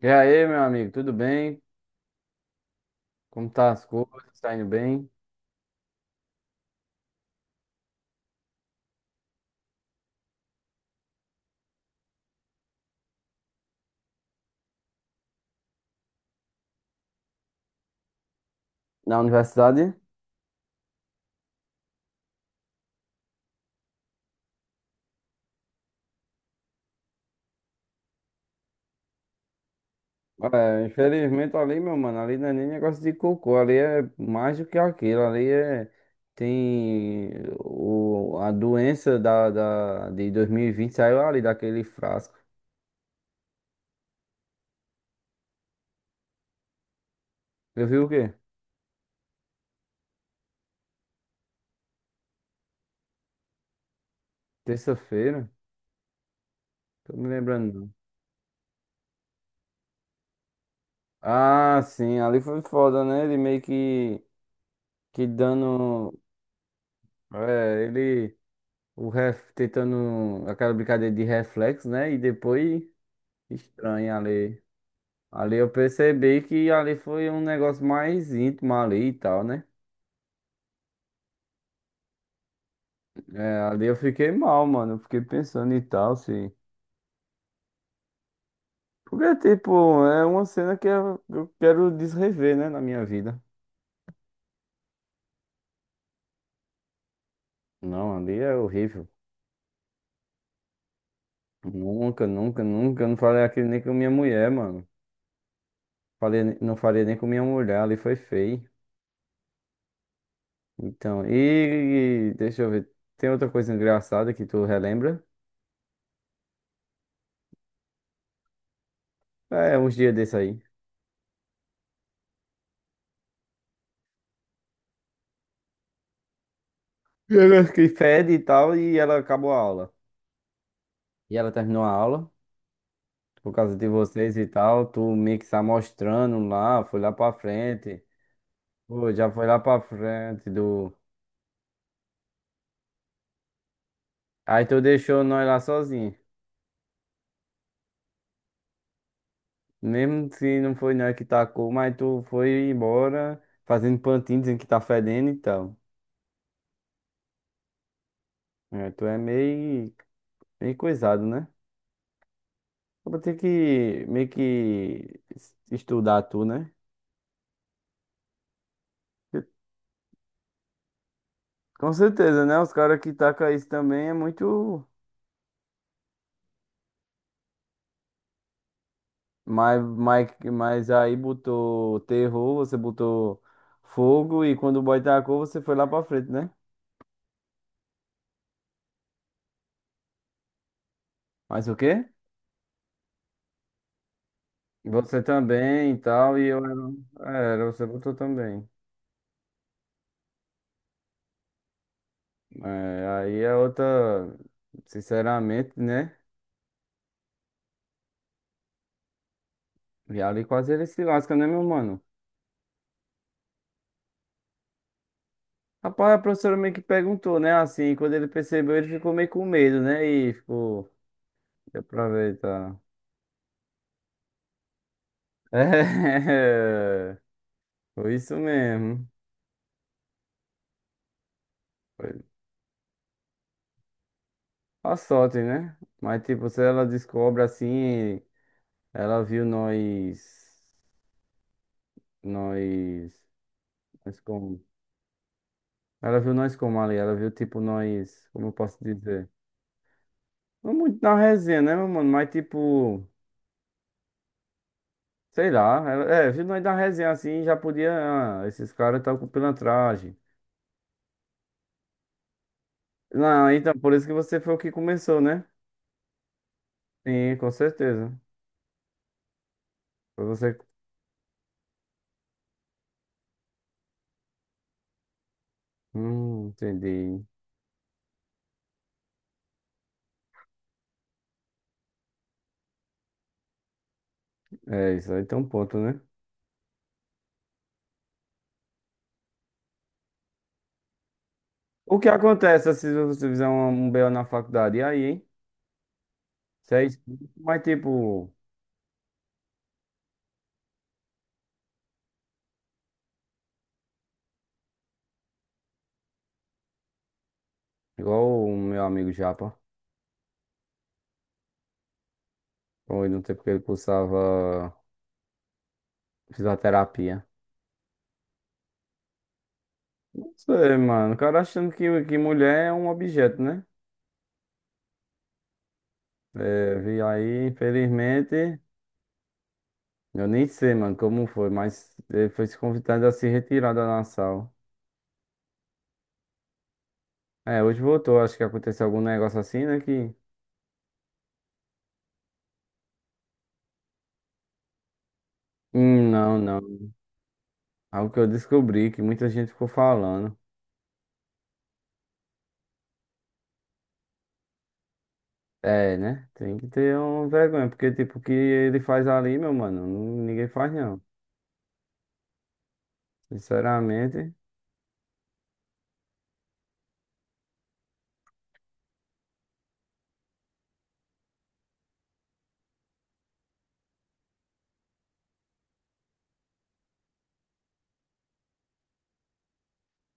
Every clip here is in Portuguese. E aí, meu amigo, tudo bem? Como tá as coisas? Tá indo bem? Na universidade? É, infelizmente ali, meu mano, ali não é nem negócio de cocô, ali é mais do que aquilo, ali é, tem o, a doença de 2020 saiu ali daquele frasco. Eu vi o quê? Terça-feira? Tô me lembrando não. Ah, sim, ali foi foda, né? Ele meio que dando, é, ele o ref tentando aquela brincadeira de reflexo, né? E depois estranha ali. Ali eu percebi que ali foi um negócio mais íntimo ali e tal, né? É, ali eu fiquei mal, mano. Eu fiquei pensando e tal, se. Porque, tipo, é uma cena que eu quero desrever, né, na minha vida. Não, ali é horrível. Nunca, nunca, nunca. Eu não falei aquilo nem com minha mulher, mano. Falei, não falei nem com minha mulher, ali foi feio. Então, e deixa eu ver. Tem outra coisa engraçada que tu relembra? É, uns dias desse aí. Ela que fede e tal, e ela acabou a aula. E ela terminou a aula, por causa de vocês e tal. Tu meio que se amostrando lá, foi lá pra frente. Pô, já foi lá pra frente do. Aí tu deixou nós lá sozinhos. Mesmo se não foi nós que tacou, mas tu foi embora fazendo pantinho, dizendo que tá fedendo e tal. É, tu é meio, meio coisado, né? Eu vou ter que meio que estudar tu, né? Eu- com certeza, né? Os caras que tacam isso também é muito. Mas aí botou terror, você botou fogo e quando o boy tacou, você foi lá pra frente, né? Mas o quê? Você também e tal, e eu você botou também. É, aí é outra. Sinceramente, né? E ali quase ele se lasca, né, meu mano? Rapaz, a professora meio que perguntou, né? Assim, quando ele percebeu, ele ficou meio com medo, né? E ficou, deu pra ver, tá? É, foi isso mesmo. Foi a sorte, né? Mas, tipo, se ela descobre assim, ela viu nós, nós como? Ela viu nós como ali, ela viu, tipo, nós, como eu posso dizer? Não muito na resenha, né, meu mano? Mas, tipo, sei lá, ela, é, viu nós na resenha assim, já podia, ah, esses caras tá com pilantragem. Não, então, por isso que você foi o que começou, né? Sim, com certeza. Foi você. Que- entendi. É isso aí, tem um ponto, né? O que acontece se você fizer um BO na faculdade? E aí, hein? Isso é isso. Mas, tipo, igual o meu amigo Japa, foi no tempo que ele cursava fisioterapia. Não sei, mano. O cara achando que mulher é um objeto, né? É, vi aí, infelizmente. Eu nem sei, mano, como foi, mas ele foi se convidado a se retirar da nação. É, hoje voltou, acho que aconteceu algum negócio assim, né? Que. Não, não. Algo que eu descobri, que muita gente ficou falando. É, né? Tem que ter uma vergonha, porque, tipo, o que ele faz ali, meu mano, ninguém faz, não. Sinceramente.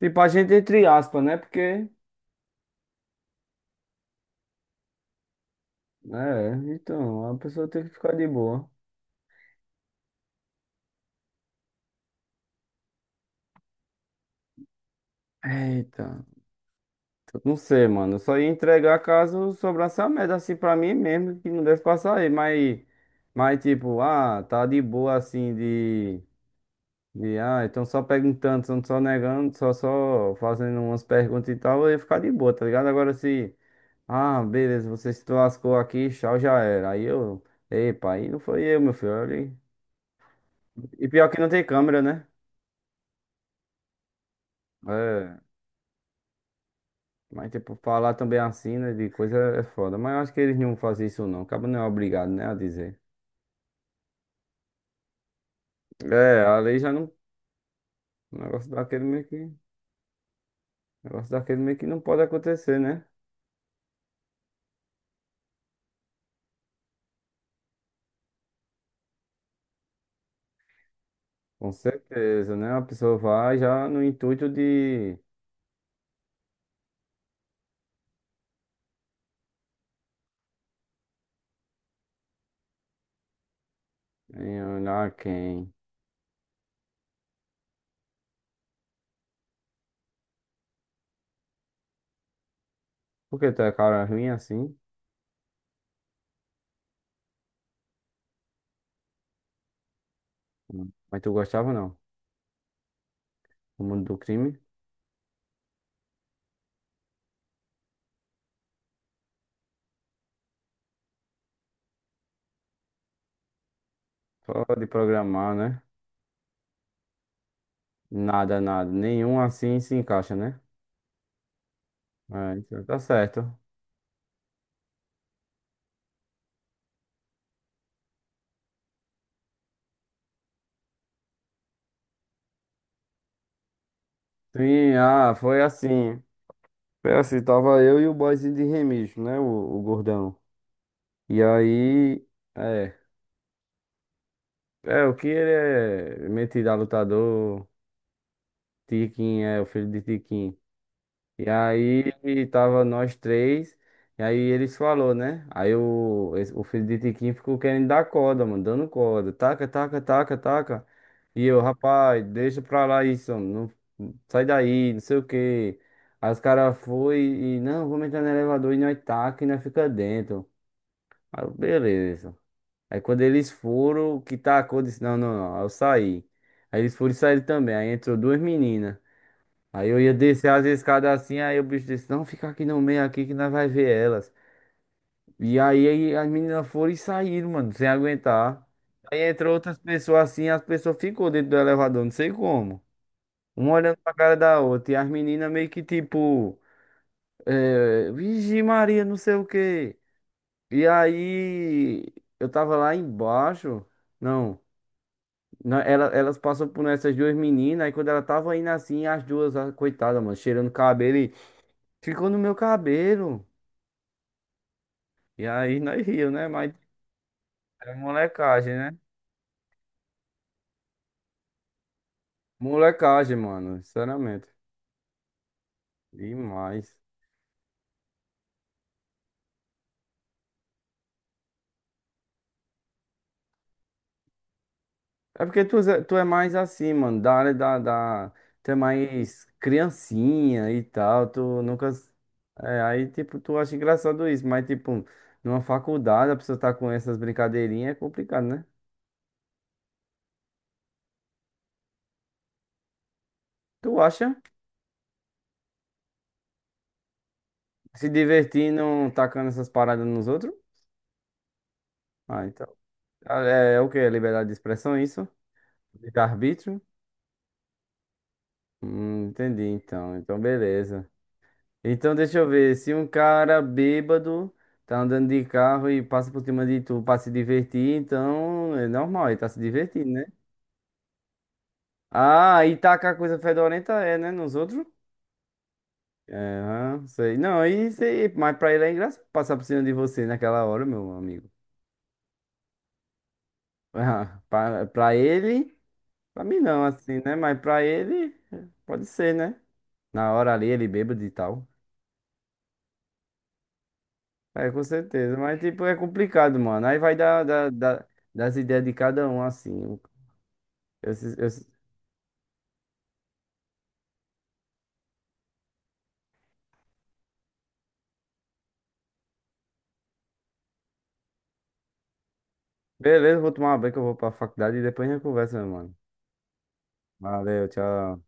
Tipo, a gente entre aspas, né? Porque. Né, é, então, a pessoa tem que ficar de boa. Eita, eu não sei, mano. Eu só ia entregar caso sobrasse a merda assim pra mim mesmo, que não deve passar aí, mas. Mas, tipo, ah, tá de boa assim de. E, ah, então só perguntando, só negando, só fazendo umas perguntas e tal, eu ia ficar de boa, tá ligado? Agora se, ah, beleza, você se lascou aqui, tchau, já era. Aí eu, epa, aí não foi eu, meu filho. Olha aí. E pior que não tem câmera, né? É, mas tipo, falar também assim, né, de coisa é foda. Mas eu acho que eles não fazem isso não, acaba não é obrigado, né, a dizer. É, a lei já não, o negócio daquele meio que, negócio daquele meio que não pode acontecer, né? Com certeza, né? A pessoa vai já no intuito de em olhar quem? Por que tu é cara ruim assim? Hum. Mas tu gostava não? O mundo do crime? Só de programar, né? Nada, nada. Nenhum assim se encaixa, né? É, então tá certo. Sim, ah, foi assim. Foi assim, tava eu e o boyzinho de Remígio, né? O gordão. E aí, é. É, o que ele é metido a lutador. Tiquinho, é o filho de Tiquinho. E aí tava nós três, e aí eles falou, né? Aí o, esse- o filho de Tiquinho ficou querendo dar corda, mano, dando corda. Taca, taca, taca, taca. E eu, rapaz, deixa pra lá isso, mano, não, sai daí, não sei o quê. Aí os caras foi e, não, vamos entrar no elevador e nós taca e nós fica dentro. Aí eu, beleza. Aí quando eles foram, que tacou, disse, não, não, não, aí eu saí. Aí eles foram e saíram também, aí entrou duas meninas. Aí eu ia descer as escadas assim, aí o bicho disse, não, fica aqui no meio aqui que nós vai ver elas. E aí as meninas foram e saíram, mano, sem aguentar. Aí entrou outras pessoas assim, as pessoas ficou dentro do elevador, não sei como. Uma olhando pra cara da outra, e as meninas meio que tipo, é, Vigi Maria, não sei o quê. E aí eu tava lá embaixo, não, ela, elas passou por essas duas meninas, aí quando ela tava indo assim, as duas, ah, coitada, mano, cheirando cabelo. Ficou no meu cabelo. E aí nós riu, né? Mas é molecagem, né? Molecagem, mano. Sinceramente. Demais. É porque tu, tu é mais assim, mano. Da área da. Tu é mais criancinha e tal. Tu nunca. É, aí, tipo, tu acha engraçado isso. Mas, tipo, numa faculdade, a pessoa tá com essas brincadeirinhas, é complicado, né? Tu acha? Se divertindo, tacando essas paradas nos outros? Ah, então. Ah, é, é o quê? É liberdade de expressão, é isso? De arbítrio. Entendi então. Então, beleza. Então, deixa eu ver. Se um cara bêbado tá andando de carro e passa por cima de tu pra se divertir, então é normal, ele tá se divertindo, né? Ah, e tacar coisa fedorenta é, né? Nos outros? É, aham, sei. Não, isso aí, mas pra ele é engraçado passar por cima de você naquela hora, meu amigo. Ah, pra ele, pra mim não, assim, né? Mas pra ele, pode ser, né? Na hora ali, ele bêbado e tal. É, com certeza. Mas, tipo, é complicado, mano. Aí vai dar, das ideias de cada um, assim. Eu- eu- Beleza, vou tomar uma banho que eu vou pra faculdade e depois a gente conversa, meu mano. Valeu, tchau.